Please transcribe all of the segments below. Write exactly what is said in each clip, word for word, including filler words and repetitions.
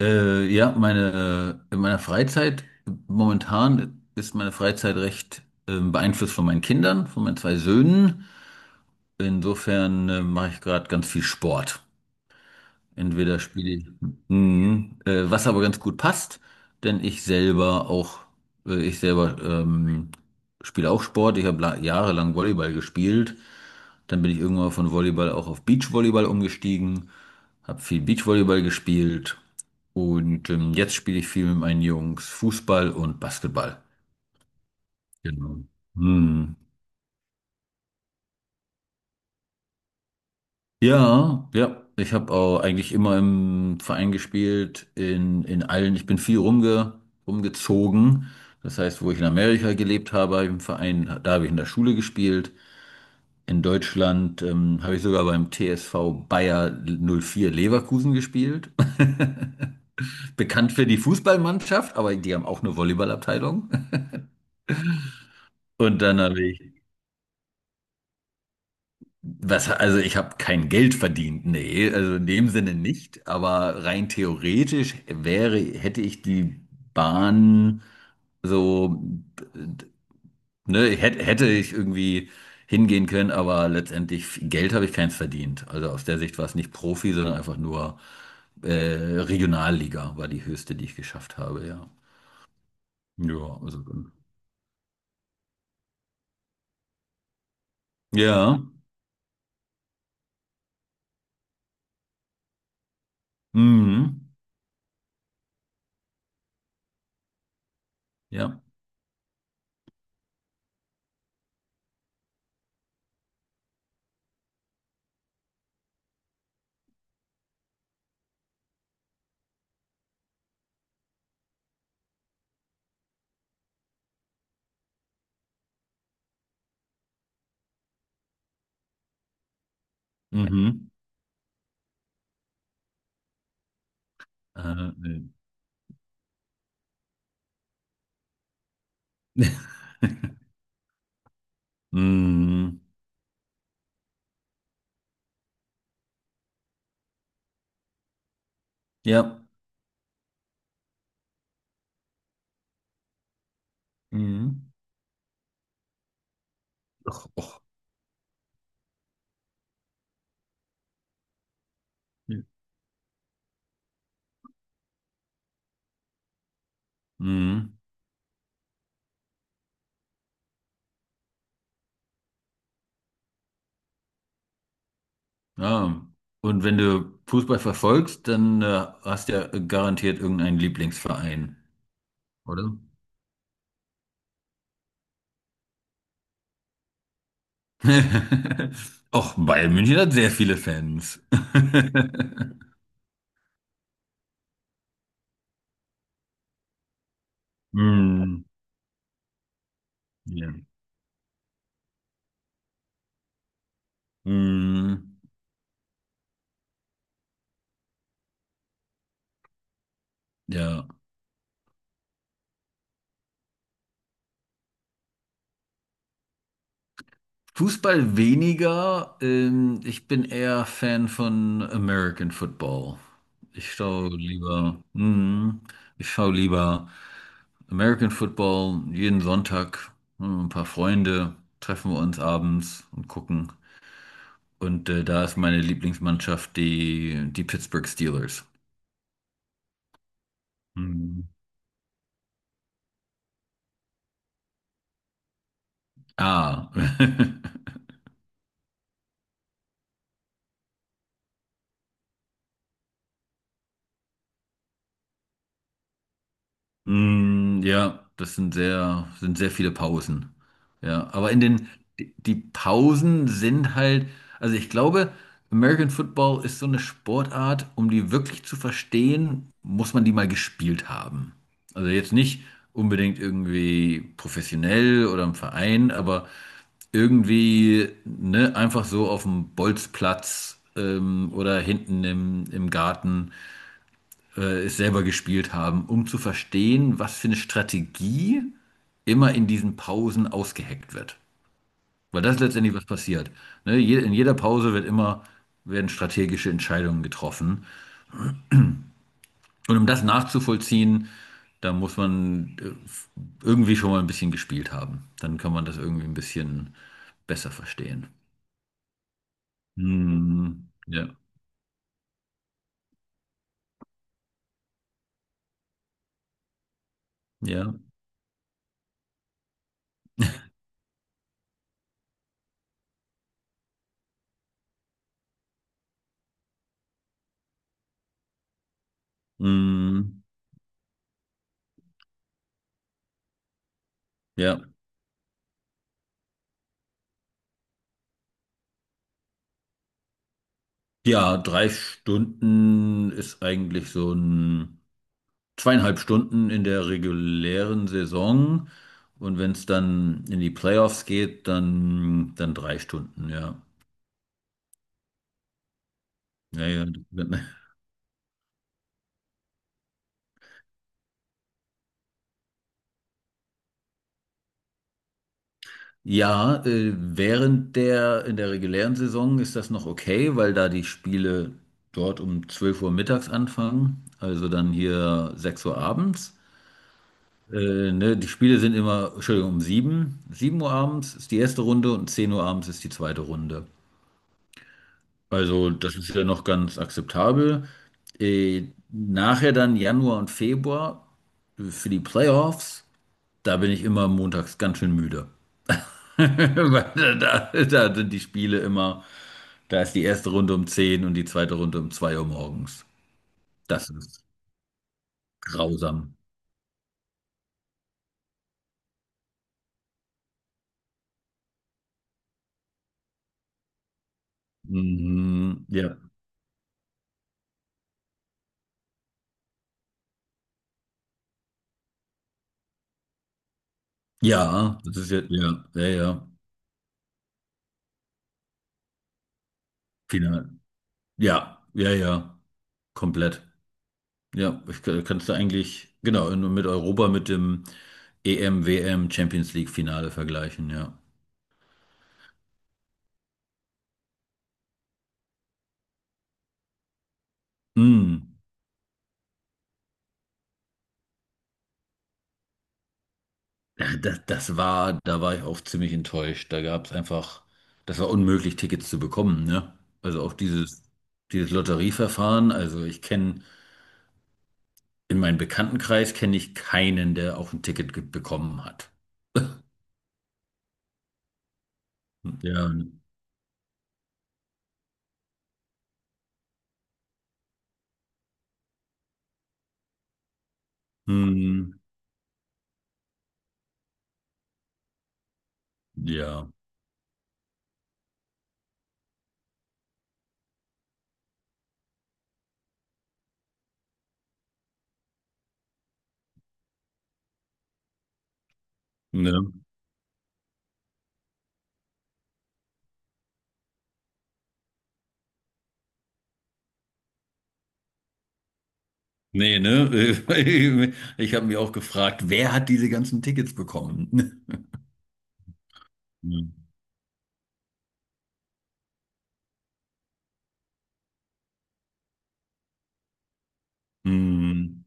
Äh, ja, meine, äh, in meiner Freizeit, momentan ist meine Freizeit recht ähm, beeinflusst von meinen Kindern, von meinen zwei Söhnen. Insofern äh, mache ich gerade ganz viel Sport. Entweder spiele ich, mhm. Äh, was aber ganz gut passt, denn ich selber auch, äh, ich selber ähm, spiele auch Sport. Ich habe jahrelang Volleyball gespielt. Dann bin ich irgendwann von Volleyball auch auf Beachvolleyball umgestiegen, habe viel Beachvolleyball gespielt und ähm, jetzt spiele ich viel mit meinen Jungs Fußball und Basketball. Genau. Mhm. Ja, ja. Ich habe auch eigentlich immer im Verein gespielt, in, in allen. Ich bin viel rumge, rumgezogen. Das heißt, wo ich in Amerika gelebt habe, habe ich im Verein, da habe ich in der Schule gespielt. In Deutschland ähm, habe ich sogar beim T S V Bayer null vier Leverkusen gespielt. Bekannt für die Fußballmannschaft, aber die haben auch eine Volleyballabteilung. Und dann habe ich Was, also ich habe kein Geld verdient, nee, also in dem Sinne nicht, aber rein theoretisch wäre, hätte ich die Bahn so, ne, hätte, hätte ich irgendwie hingehen können, aber letztendlich f- Geld habe ich keins verdient. Also aus der Sicht war es nicht Profi, sondern einfach nur äh, Regionalliga war die höchste, die ich geschafft habe, ja. Ja, also, ja, mhm, ja, mhm, äh, nee. Mhm. Ja. Mhm. Ach, ach. Mhm. Ja. Und wenn du Fußball verfolgst, dann äh, hast du ja garantiert irgendeinen Lieblingsverein, oder? Och, Bayern München hat sehr viele Fans. Mhm. Ja. Mhm. Ja. Fußball weniger. Ähm, ich bin eher Fan von American Football. Ich schaue lieber. Mhm. Ich schaue lieber. American Football, jeden Sonntag, hm, ein paar Freunde, treffen wir uns abends und gucken. Und äh, da ist meine Lieblingsmannschaft die, die Pittsburgh Steelers. Hm. Ah. Mm, ja, das sind sehr, sind sehr viele Pausen. Ja, aber in den, die die Pausen sind halt, also ich glaube, American Football ist so eine Sportart, um die wirklich zu verstehen, muss man die mal gespielt haben. Also jetzt nicht unbedingt irgendwie professionell oder im Verein, aber irgendwie, ne, einfach so auf dem Bolzplatz ähm, oder hinten im, im Garten äh, es selber gespielt haben, um zu verstehen, was für eine Strategie immer in diesen Pausen ausgeheckt wird. Weil das ist letztendlich was passiert. Ne? je- In jeder Pause wird immer, werden strategische Entscheidungen getroffen. Und um das nachzuvollziehen, da muss man äh, irgendwie schon mal ein bisschen gespielt haben. Dann kann man das irgendwie ein bisschen besser verstehen. Hm, ja, ja, hm, ja. Ja, drei Stunden ist eigentlich so ein zweieinhalb Stunden in der regulären Saison. Und wenn es dann in die Playoffs geht, dann, dann drei Stunden, ja. Ja, ja. Ja, äh, während der, in der regulären Saison ist das noch okay, weil da die Spiele dort um zwölf Uhr mittags anfangen, also dann hier sechs Uhr abends. Äh, ne, die Spiele sind immer, Entschuldigung, um sieben, sieben Uhr abends ist die erste Runde und zehn Uhr abends ist die zweite Runde. Also, das ist ja noch ganz akzeptabel. Äh, nachher dann Januar und Februar für die Playoffs, da bin ich immer montags ganz schön müde. Weil da, da sind die Spiele immer, da ist die erste Runde um zehn und die zweite Runde um zwei Uhr morgens. Das ist grausam. Mhm, ja. Ja, das ist ja, ja, ja, ja. Final. Ja, ja, ja, komplett. Ja, ich kann- kannst du eigentlich, genau, in- mit Europa mit dem E M, W M, Champions League Finale vergleichen, ja. Mm. Ja, das, das war, da war ich auch ziemlich enttäuscht. Da gab es einfach, das war unmöglich, Tickets zu bekommen, ne? Also auch dieses, dieses Lotterieverfahren. Also ich kenne, in meinem Bekanntenkreis kenne ich keinen, der auch ein Ticket ge- bekommen hat. Ja, mm, ja, ne? Nee, ne? Ich habe mich auch gefragt, wer hat diese ganzen Tickets bekommen? Hm. Hm.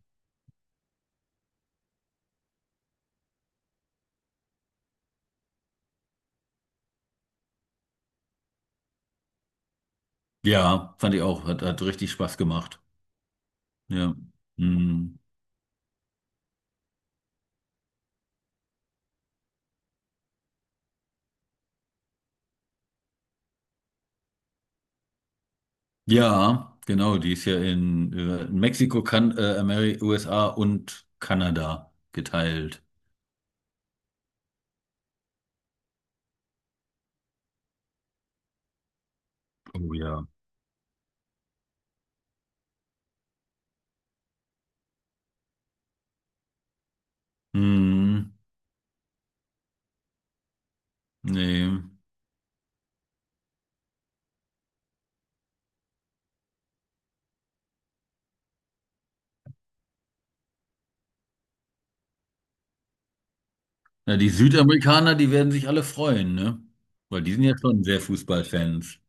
Ja, fand ich auch. Hat, hat richtig Spaß gemacht. Ja. Hm. Ja, genau. Die ist ja in, äh, in Mexiko, kan äh, Ameri U S A und Kanada geteilt. Oh ja. Hm. Nee. Na, die Südamerikaner, die werden sich alle freuen, ne? Weil die sind ja schon sehr Fußballfans.